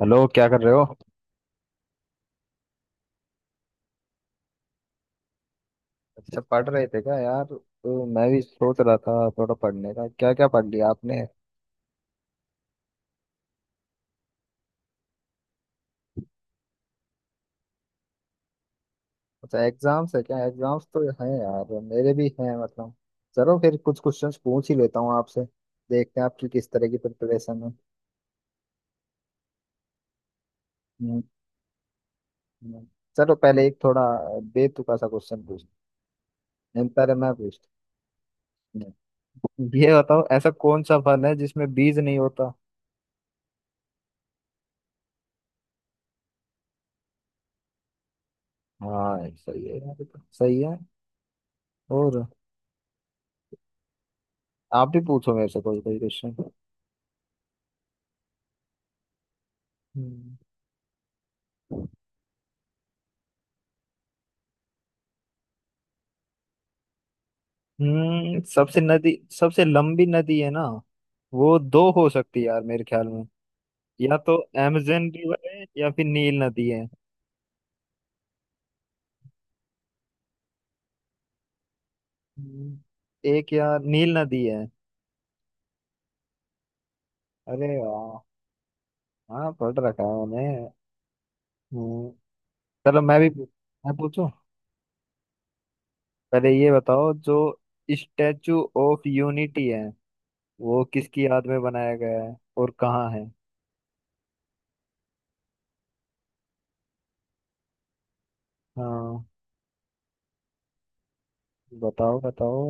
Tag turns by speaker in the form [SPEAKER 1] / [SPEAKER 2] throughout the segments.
[SPEAKER 1] Hello, क्या कर रहे हो? अच्छा, पढ़ रहे थे क्या यार? तो मैं भी सोच रहा था थोड़ा पढ़ने का। क्या क्या पढ़ लिया आपने? अच्छा, एग्जाम्स है क्या? एग्जाम्स तो हैं यार, मेरे भी हैं मतलब। चलो फिर कुछ क्वेश्चंस पूछ ही लेता हूँ आपसे। देखते हैं आपकी किस तरह की प्रिपरेशन है। हम्म। हम्म। चलो, पहले एक थोड़ा बेतुका सा क्वेश्चन पूछ पहले मैं पूछता हूँ। ये बताओ, ऐसा कौन सा फल है जिसमें बीज नहीं होता? हाँ सही है यार, ये तो सही है। और। आप भी पूछो मेरे से कोई कोई क्वेश्चन। हम्म सबसे नदी सबसे लंबी नदी है ना? वो दो हो सकती है यार मेरे ख्याल में। या तो अमेजन रिवर है या फिर नील नदी है। हम्म, एक यार, नील नदी है। अरे वाह! हाँ, पढ़ रखा है मैंने। हम्म, चलो मैं भी, मैं पूछूं। पहले ये बताओ, जो स्टैचू ऑफ यूनिटी है वो किसकी याद में बनाया गया है और कहाँ है? हाँ, बताओ बताओ।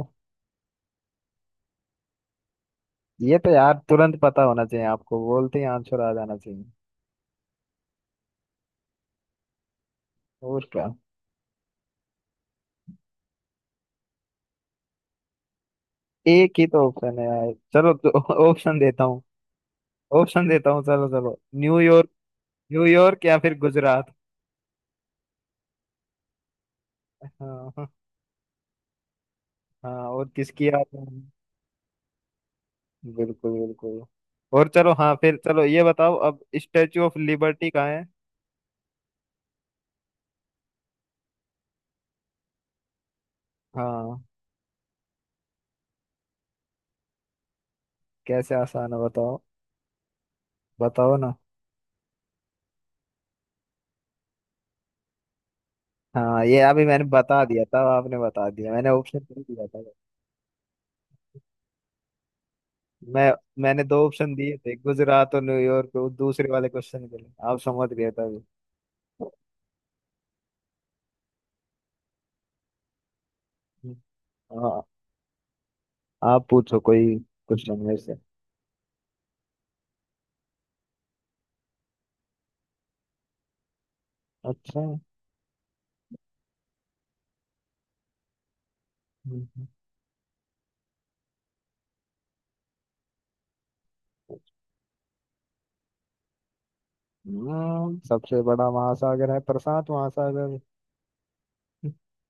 [SPEAKER 1] ये तो यार तुरंत पता होना चाहिए, आपको बोलते ही आंसर आ जाना चाहिए। और क्या। एक ही तो ऑप्शन है यार, चलो तो ऑप्शन देता हूँ। ऑप्शन देता हूँ, चलो चलो, न्यूयॉर्क। न्यूयॉर्क या फिर गुजरात। हाँ। हाँ, और किसकी याद है? बिल्कुल बिल्कुल। और चलो हाँ, फिर चलो ये बताओ अब, स्टेचू ऑफ लिबर्टी कहाँ है? हाँ, कैसे आसान है, बताओ? बताओ ना। हाँ, ये अभी मैंने बता दिया था, आपने बता दिया, मैंने ऑप्शन दे दिया था। मैं मैंने दो ऑप्शन दिए थे, गुजरात और न्यूयॉर्क, वो दूसरे वाले क्वेश्चन के लिए आप समझ गए थे अभी। हाँ। आप पूछो कोई क्वेश्चन में से। अच्छा। हम्म, सबसे बड़ा महासागर है प्रशांत महासागर।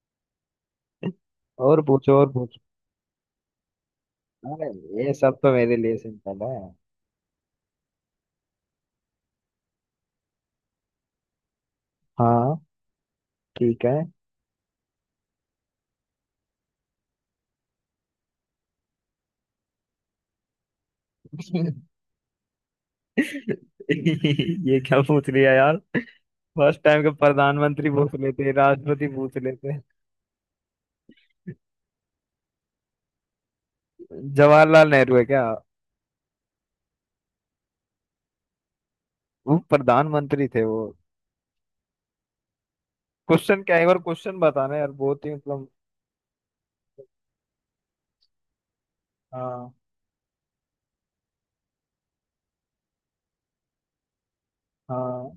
[SPEAKER 1] और पूछो, और पूछो। अरे, ये सब तो मेरे लिए सिंपल है। हाँ, ठीक है। ये क्या पूछ लिया यार! फर्स्ट टाइम के प्रधानमंत्री पूछ लेते, राष्ट्रपति पूछ लेते। जवाहरलाल नेहरू है क्या? वो प्रधानमंत्री थे वो। क्वेश्चन क्या है, और क्वेश्चन बताना यार, बहुत ही मतलब। हाँ हाँ।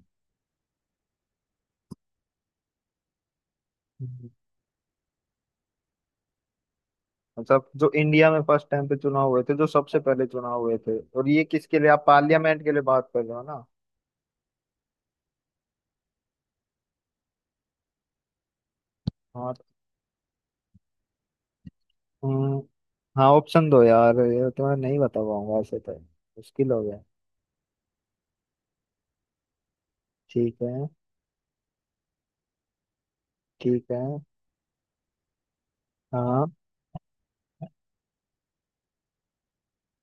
[SPEAKER 1] मतलब जो इंडिया में फर्स्ट टाइम पे चुनाव हुए थे, जो सबसे पहले चुनाव हुए थे, और ये किसके लिए, आप पार्लियामेंट के लिए बात कर रहे हो ना? हाँ। हम्म, हाँ ऑप्शन दो यार, ये तो मैं नहीं बता पाऊंगा, ऐसे तो मुश्किल हो गया। ठीक है। ठीक है। हाँ।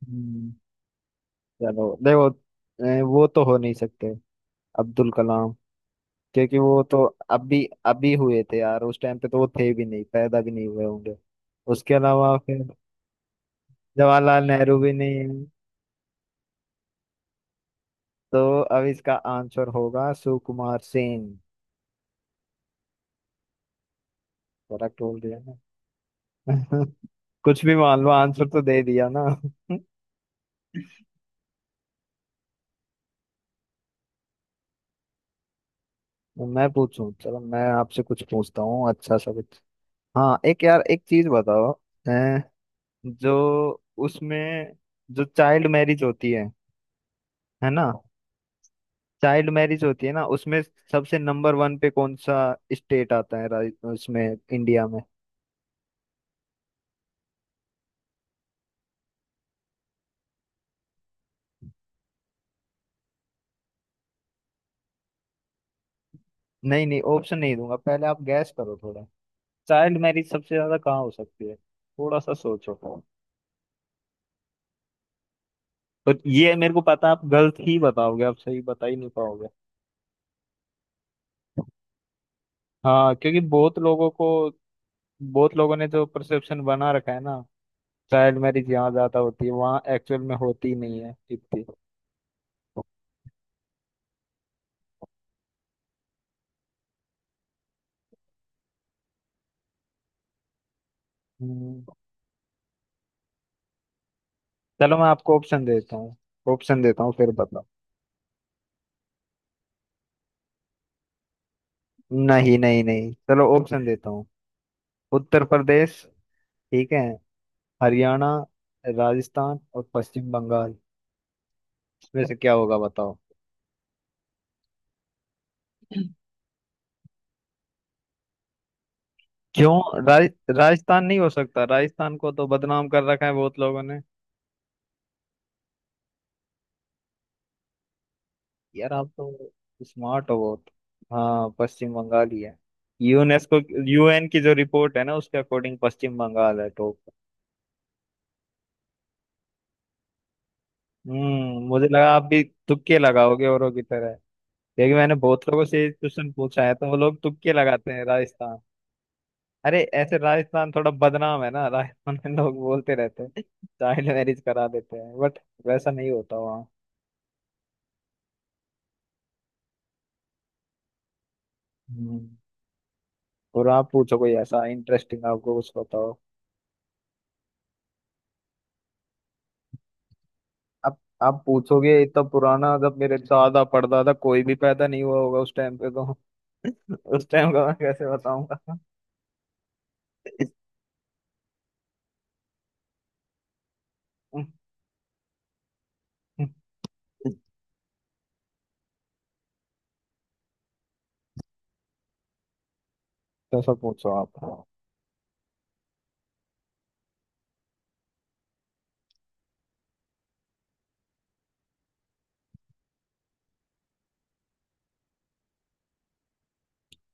[SPEAKER 1] हम्म, चलो देखो। वो तो हो नहीं सकते अब्दुल कलाम, क्योंकि वो तो अभी अभी हुए थे यार, उस टाइम पे तो वो थे भी नहीं, पैदा भी नहीं हुए होंगे। उसके अलावा फिर जवाहरलाल नेहरू भी नहीं है, तो अब इसका आंसर होगा सुकुमार सेन। करेक्ट बोल दिया। ना। कुछ भी मान लो, आंसर तो दे दिया ना। मैं पूछूं, चलो मैं आपसे कुछ पूछता हूँ, अच्छा सा कुछ। हाँ एक यार, एक चीज बताओ। अ, जो उसमें, जो चाइल्ड मैरिज होती है ना? चाइल्ड मैरिज होती है ना उसमें, सबसे नंबर वन पे कौन सा स्टेट आता है, उसमें, इंडिया में? नहीं नहीं, ऑप्शन नहीं दूंगा, पहले आप गैस करो थोड़ा। चाइल्ड मैरिज सबसे ज्यादा कहाँ हो सकती है, थोड़ा सा सोचो। और ये मेरे को पता है, आप गलत ही बताओगे, आप सही बता ही नहीं पाओगे। हाँ, क्योंकि बहुत लोगों ने जो परसेप्शन बना रखा है ना, चाइल्ड मैरिज यहाँ ज्यादा होती है, वहाँ एक्चुअल में होती नहीं है इतनी। हम्म, चलो मैं आपको ऑप्शन देता हूँ, ऑप्शन देता हूँ फिर बताओ। नहीं नहीं नहीं, चलो ऑप्शन देता हूँ। उत्तर प्रदेश, ठीक है, हरियाणा, राजस्थान और पश्चिम बंगाल। इसमें से क्या होगा, बताओ? क्यों, राजस्थान नहीं हो सकता? राजस्थान को तो बदनाम कर रखा है बहुत लोगों ने। यार आप तो स्मार्ट हो बहुत। हाँ, पश्चिम बंगाल ही है। यूनेस्को, यूएन की जो रिपोर्ट है ना, उसके अकॉर्डिंग पश्चिम बंगाल है टॉप। मुझे लगा आप भी तुक्के लगाओगे औरों की तरह, क्योंकि मैंने बहुत लोगों से क्वेश्चन पूछा है तो वो लोग तुक्के लगाते हैं, राजस्थान। अरे ऐसे राजस्थान थोड़ा बदनाम है ना, राजस्थान में लोग बोलते रहते हैं, चाइल्ड मैरिज करा देते हैं, बट वैसा नहीं होता वहाँ। हम्म। और आप पूछो कोई ऐसा इंटरेस्टिंग, आपको कुछ बताओ। आप पूछोगे इतना पुराना, जब मेरे दादा परदादा कोई भी पैदा नहीं हुआ होगा उस टाइम पे तो उस टाइम का मैं कैसे बताऊंगा? तो सब पूछो आप।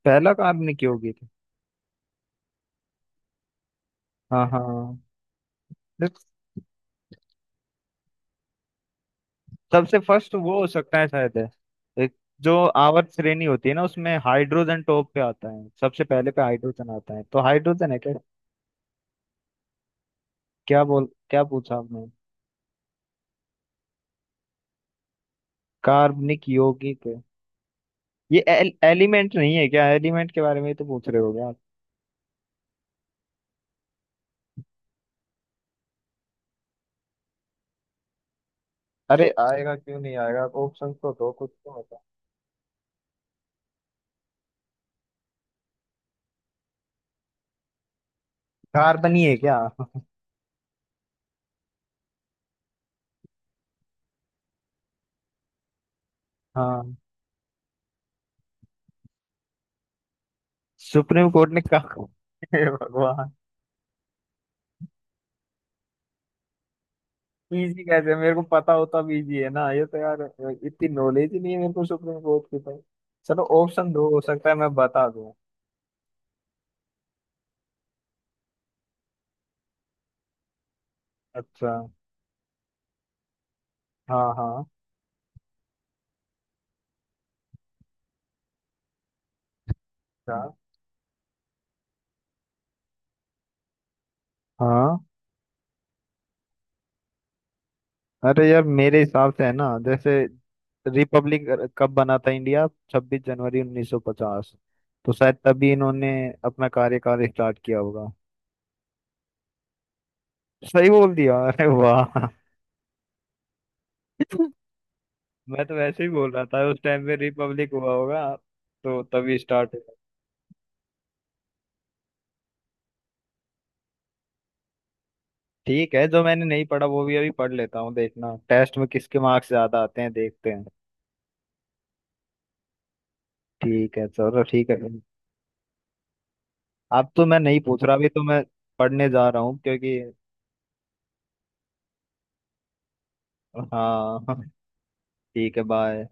[SPEAKER 1] पहला काम ने की होगी थी। हाँ हाँ। देख, सबसे फर्स्ट वो हो सकता है शायद, है एक जो आवर्त श्रेणी होती है ना, उसमें हाइड्रोजन टॉप पे आता है, सबसे पहले पे हाइड्रोजन आता है, तो हाइड्रोजन है क्या? क्या बोल क्या पूछा आपने? कार्बनिक यौगिक। ये एलिमेंट नहीं है क्या, एलिमेंट के बारे में ही तो पूछ रहे हो क्या आप? अरे आएगा, क्यों नहीं आएगा? ऑप्शन तो दो, कुछ तो होता। कार्बन ही है क्या? हाँ। सुप्रीम कोर्ट ने कहा हे भगवान। इजी कैसे, मेरे को पता होता भी इजी है ना, ये तो यार। इतनी नॉलेज ही नहीं है मेरे को सुप्रीम कोर्ट की तो। चलो ऑप्शन दो, हो सकता है मैं बता दूं। अच्छा। हाँ हाँ। क्या? हाँ। अरे यार मेरे हिसाब से है ना, जैसे रिपब्लिक कब बना था इंडिया? छब्बीस जनवरी 1950। तो शायद तभी इन्होंने अपना कार्यकाल स्टार्ट किया होगा। सही बोल दिया, अरे वाह! मैं तो वैसे ही बोल रहा था, उस टाइम पे रिपब्लिक हुआ होगा, तो तभी स्टार्ट हुआ। ठीक है, जो मैंने नहीं पढ़ा वो भी अभी पढ़ लेता हूँ, देखना टेस्ट में किसके मार्क्स ज्यादा आते हैं, देखते हैं। ठीक है, चलो ठीक है। अब तो मैं नहीं पूछ रहा, अभी तो मैं पढ़ने जा रहा हूँ, क्योंकि हाँ। ठीक है, बाय।